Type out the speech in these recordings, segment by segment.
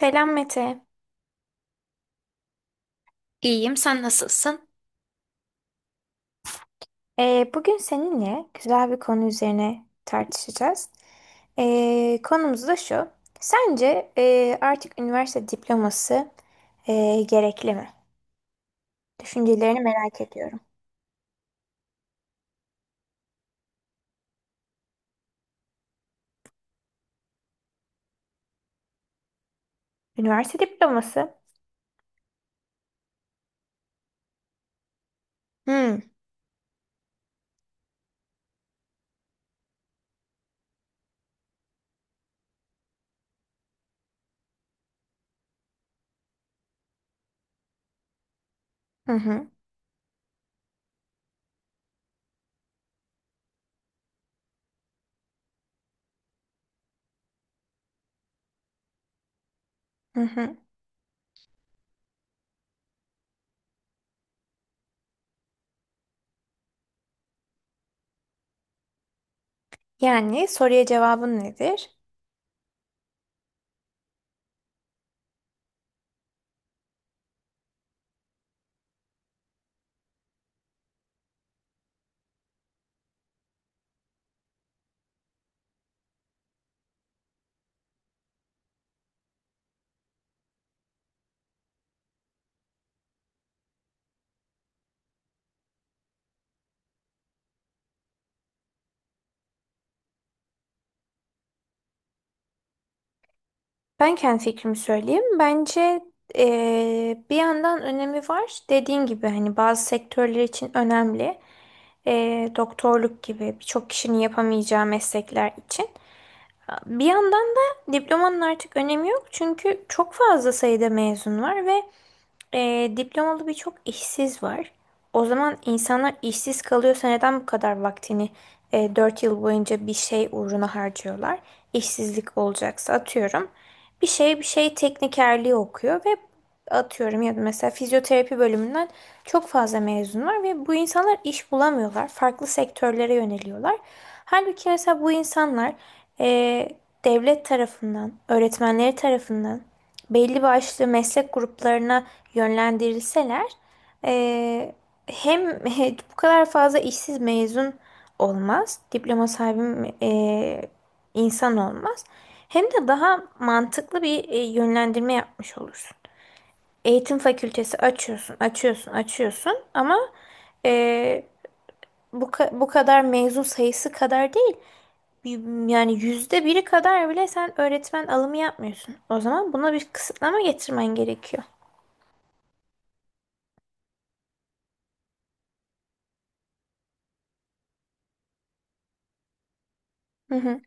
Selam Mete. İyiyim, sen nasılsın? Bugün seninle güzel bir konu üzerine tartışacağız. Konumuz da şu. Sence artık üniversite diploması gerekli mi? Düşüncelerini merak ediyorum. Üniversite diploması? Hmm. Hı hı. Hı hı. Yani soruya cevabın nedir? Ben kendi fikrimi söyleyeyim. Bence bir yandan önemi var. Dediğin gibi hani bazı sektörler için önemli. Doktorluk gibi birçok kişinin yapamayacağı meslekler için. Bir yandan da diplomanın artık önemi yok. Çünkü çok fazla sayıda mezun var ve diplomalı birçok işsiz var. O zaman insanlar işsiz kalıyorsa neden bu kadar vaktini 4 yıl boyunca bir şey uğruna harcıyorlar? İşsizlik olacaksa atıyorum. Bir şey bir şey teknikerliği okuyor ve atıyorum, ya da mesela fizyoterapi bölümünden çok fazla mezun var ve bu insanlar iş bulamıyorlar. Farklı sektörlere yöneliyorlar. Halbuki mesela bu insanlar e, devlet tarafından, öğretmenleri tarafından belli başlı meslek gruplarına yönlendirilseler, eee, hem bu kadar fazla işsiz mezun olmaz, diploma sahibi insan olmaz, hem de daha mantıklı bir yönlendirme yapmış olursun. Eğitim fakültesi açıyorsun, açıyorsun, açıyorsun, ama eee, bu kadar mezun sayısı kadar değil. Y- Yani %1'i kadar bile sen öğretmen alımı yapmıyorsun. O zaman buna bir kısıtlama getirmen gerekiyor. Hı hı.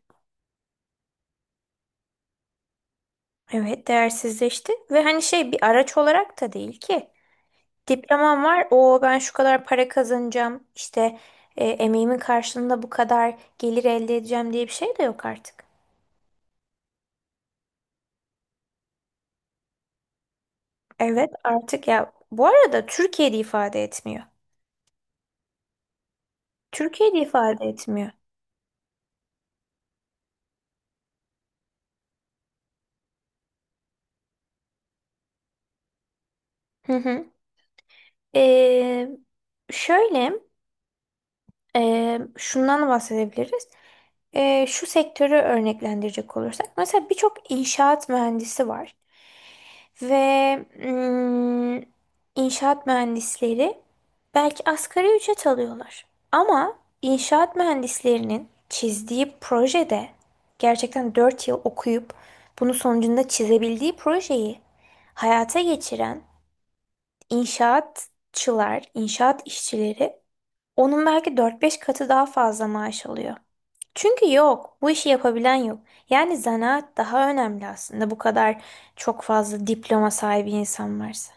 Evet, değersizleşti ve hani şey bir araç olarak da değil ki. Diplomam var. O ben şu kadar para kazanacağım. İşte emeğimin karşılığında bu kadar gelir elde edeceğim diye bir şey de yok artık. Evet, artık ya bu arada Türkiye'de ifade etmiyor. Türkiye'de ifade etmiyor. Hı hı. Ee, şöyle Şundan bahsedebiliriz. Şu sektörü örneklendirecek olursak. Mesela birçok inşaat mühendisi var. Ve mm, inşaat mühendisleri belki asgari ücret alıyorlar. Ama inşaat mühendislerinin çizdiği projede gerçekten 4 yıl okuyup bunun sonucunda çizebildiği projeyi hayata geçiren inşaatçılar, inşaat işçileri onun belki dört beş katı daha fazla maaş alıyor. Çünkü yok, bu işi yapabilen yok. Yani zanaat daha önemli aslında bu kadar çok fazla diploma sahibi insan varsa.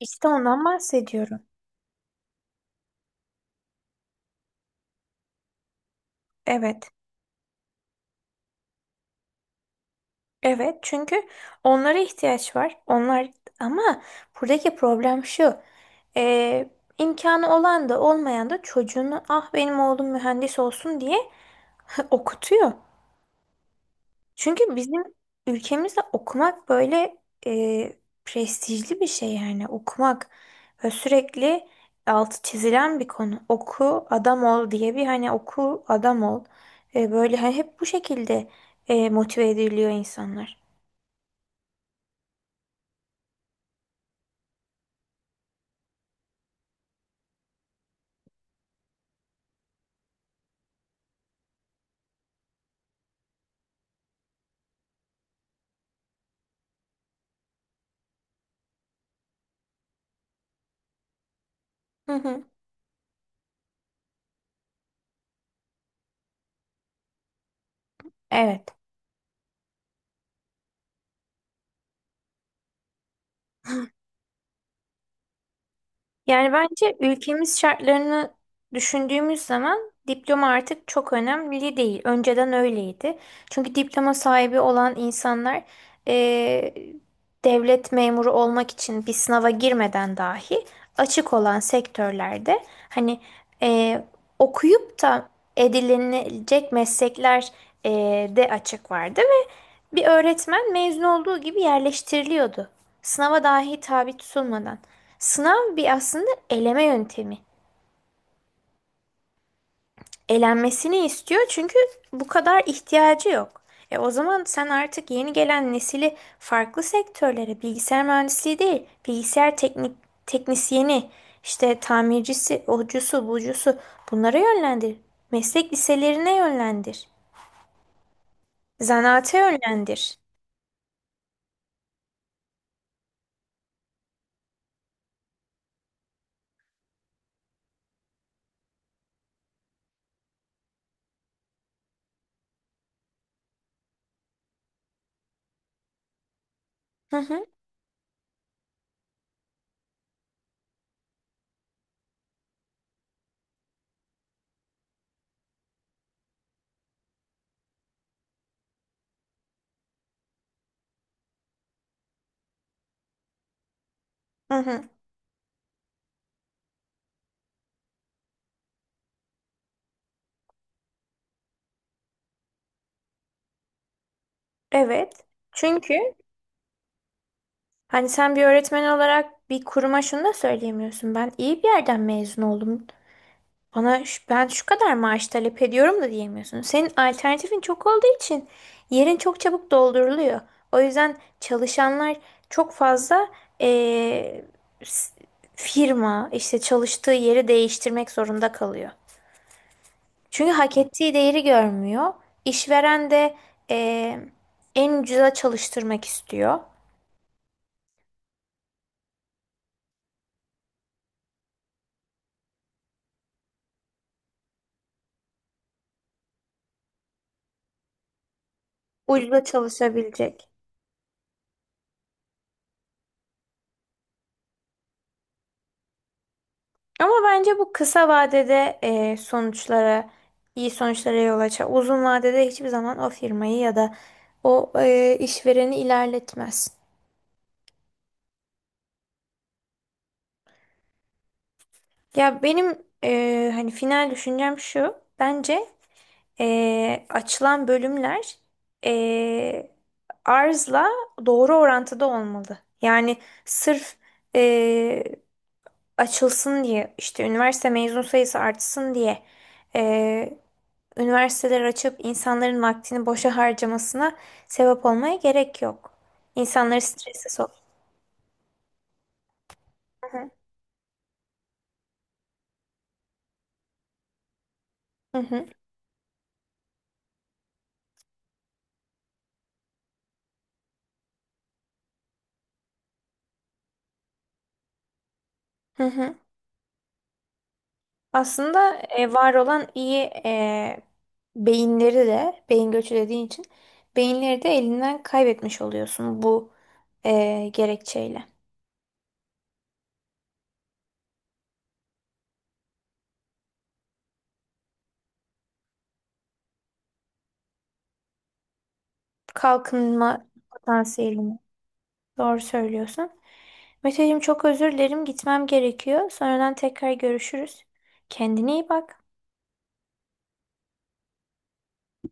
İşte ondan bahsediyorum. Evet, evet, çünkü onlara ihtiyaç var. Onlar, ama buradaki problem şu. Ee, imkanı olan da olmayan da çocuğunu, ah benim oğlum mühendis olsun diye, okutuyor. Çünkü bizim ülkemizde okumak böyle e, prestijli bir şey, yani okumak ve sürekli altı çizilen bir konu. Oku adam ol diye bir hani, oku adam ol. E, böyle hani hep bu şekilde motive ediliyor insanlar. Hı hı. Evet. Yani bence ülkemiz şartlarını düşündüğümüz zaman diploma artık çok önemli değil. Önceden öyleydi. Çünkü diploma sahibi olan insanlar eee, devlet memuru olmak için bir sınava girmeden dahi açık olan sektörlerde hani eee, okuyup da edinilecek meslekler eee, de açık vardı ve bir öğretmen mezun olduğu gibi yerleştiriliyordu. Sınava dahi tabi tutulmadan. Sınav bir aslında eleme yöntemi. Elenmesini istiyor çünkü bu kadar ihtiyacı yok. E o zaman sen artık yeni gelen nesili farklı sektörlere, bilgisayar mühendisliği değil, bilgisayar teknisyeni, işte tamircisi, ocusu, bucusu, bunlara yönlendir. Meslek liselerine yönlendir. Zanaate yönlendir. Hı hı, hı hı. Evet. Çünkü hani sen bir öğretmen olarak bir kuruma şunu da söyleyemiyorsun. Ben iyi bir yerden mezun oldum. Bana ben şu kadar maaş talep ediyorum da diyemiyorsun. Senin alternatifin çok olduğu için yerin çok çabuk dolduruluyor. O yüzden çalışanlar çok fazla eee, s- firma, işte çalıştığı yeri değiştirmek zorunda kalıyor. Çünkü hak ettiği değeri görmüyor. İşveren de eee, en ucuza çalıştırmak istiyor. Ucuza çalışabilecek. Ama bence bu kısa vadede sonuçlara, iyi sonuçlara yol açar. Uzun vadede hiçbir zaman o firmayı ya da o işvereni ilerletmez. Ya benim hani final düşüncem şu. Bence açılan bölümler e, arzla doğru orantıda olmalı. Yani sırf e, açılsın diye, işte üniversite mezun sayısı artsın diye üniversiteler açıp insanların vaktini boşa harcamasına sebep olmaya gerek yok. İnsanları strese sok. Hı hı. Hı hı. Hı hı. Aslında var olan iyi e, beyinleri de, beyin göçü dediğin için beyinleri de elinden kaybetmiş oluyorsun bu gerekçeyle. Kalkınma potansiyelini. Doğru söylüyorsun. Meteciğim çok özür dilerim. Gitmem gerekiyor. Sonradan tekrar görüşürüz. Kendine iyi bak.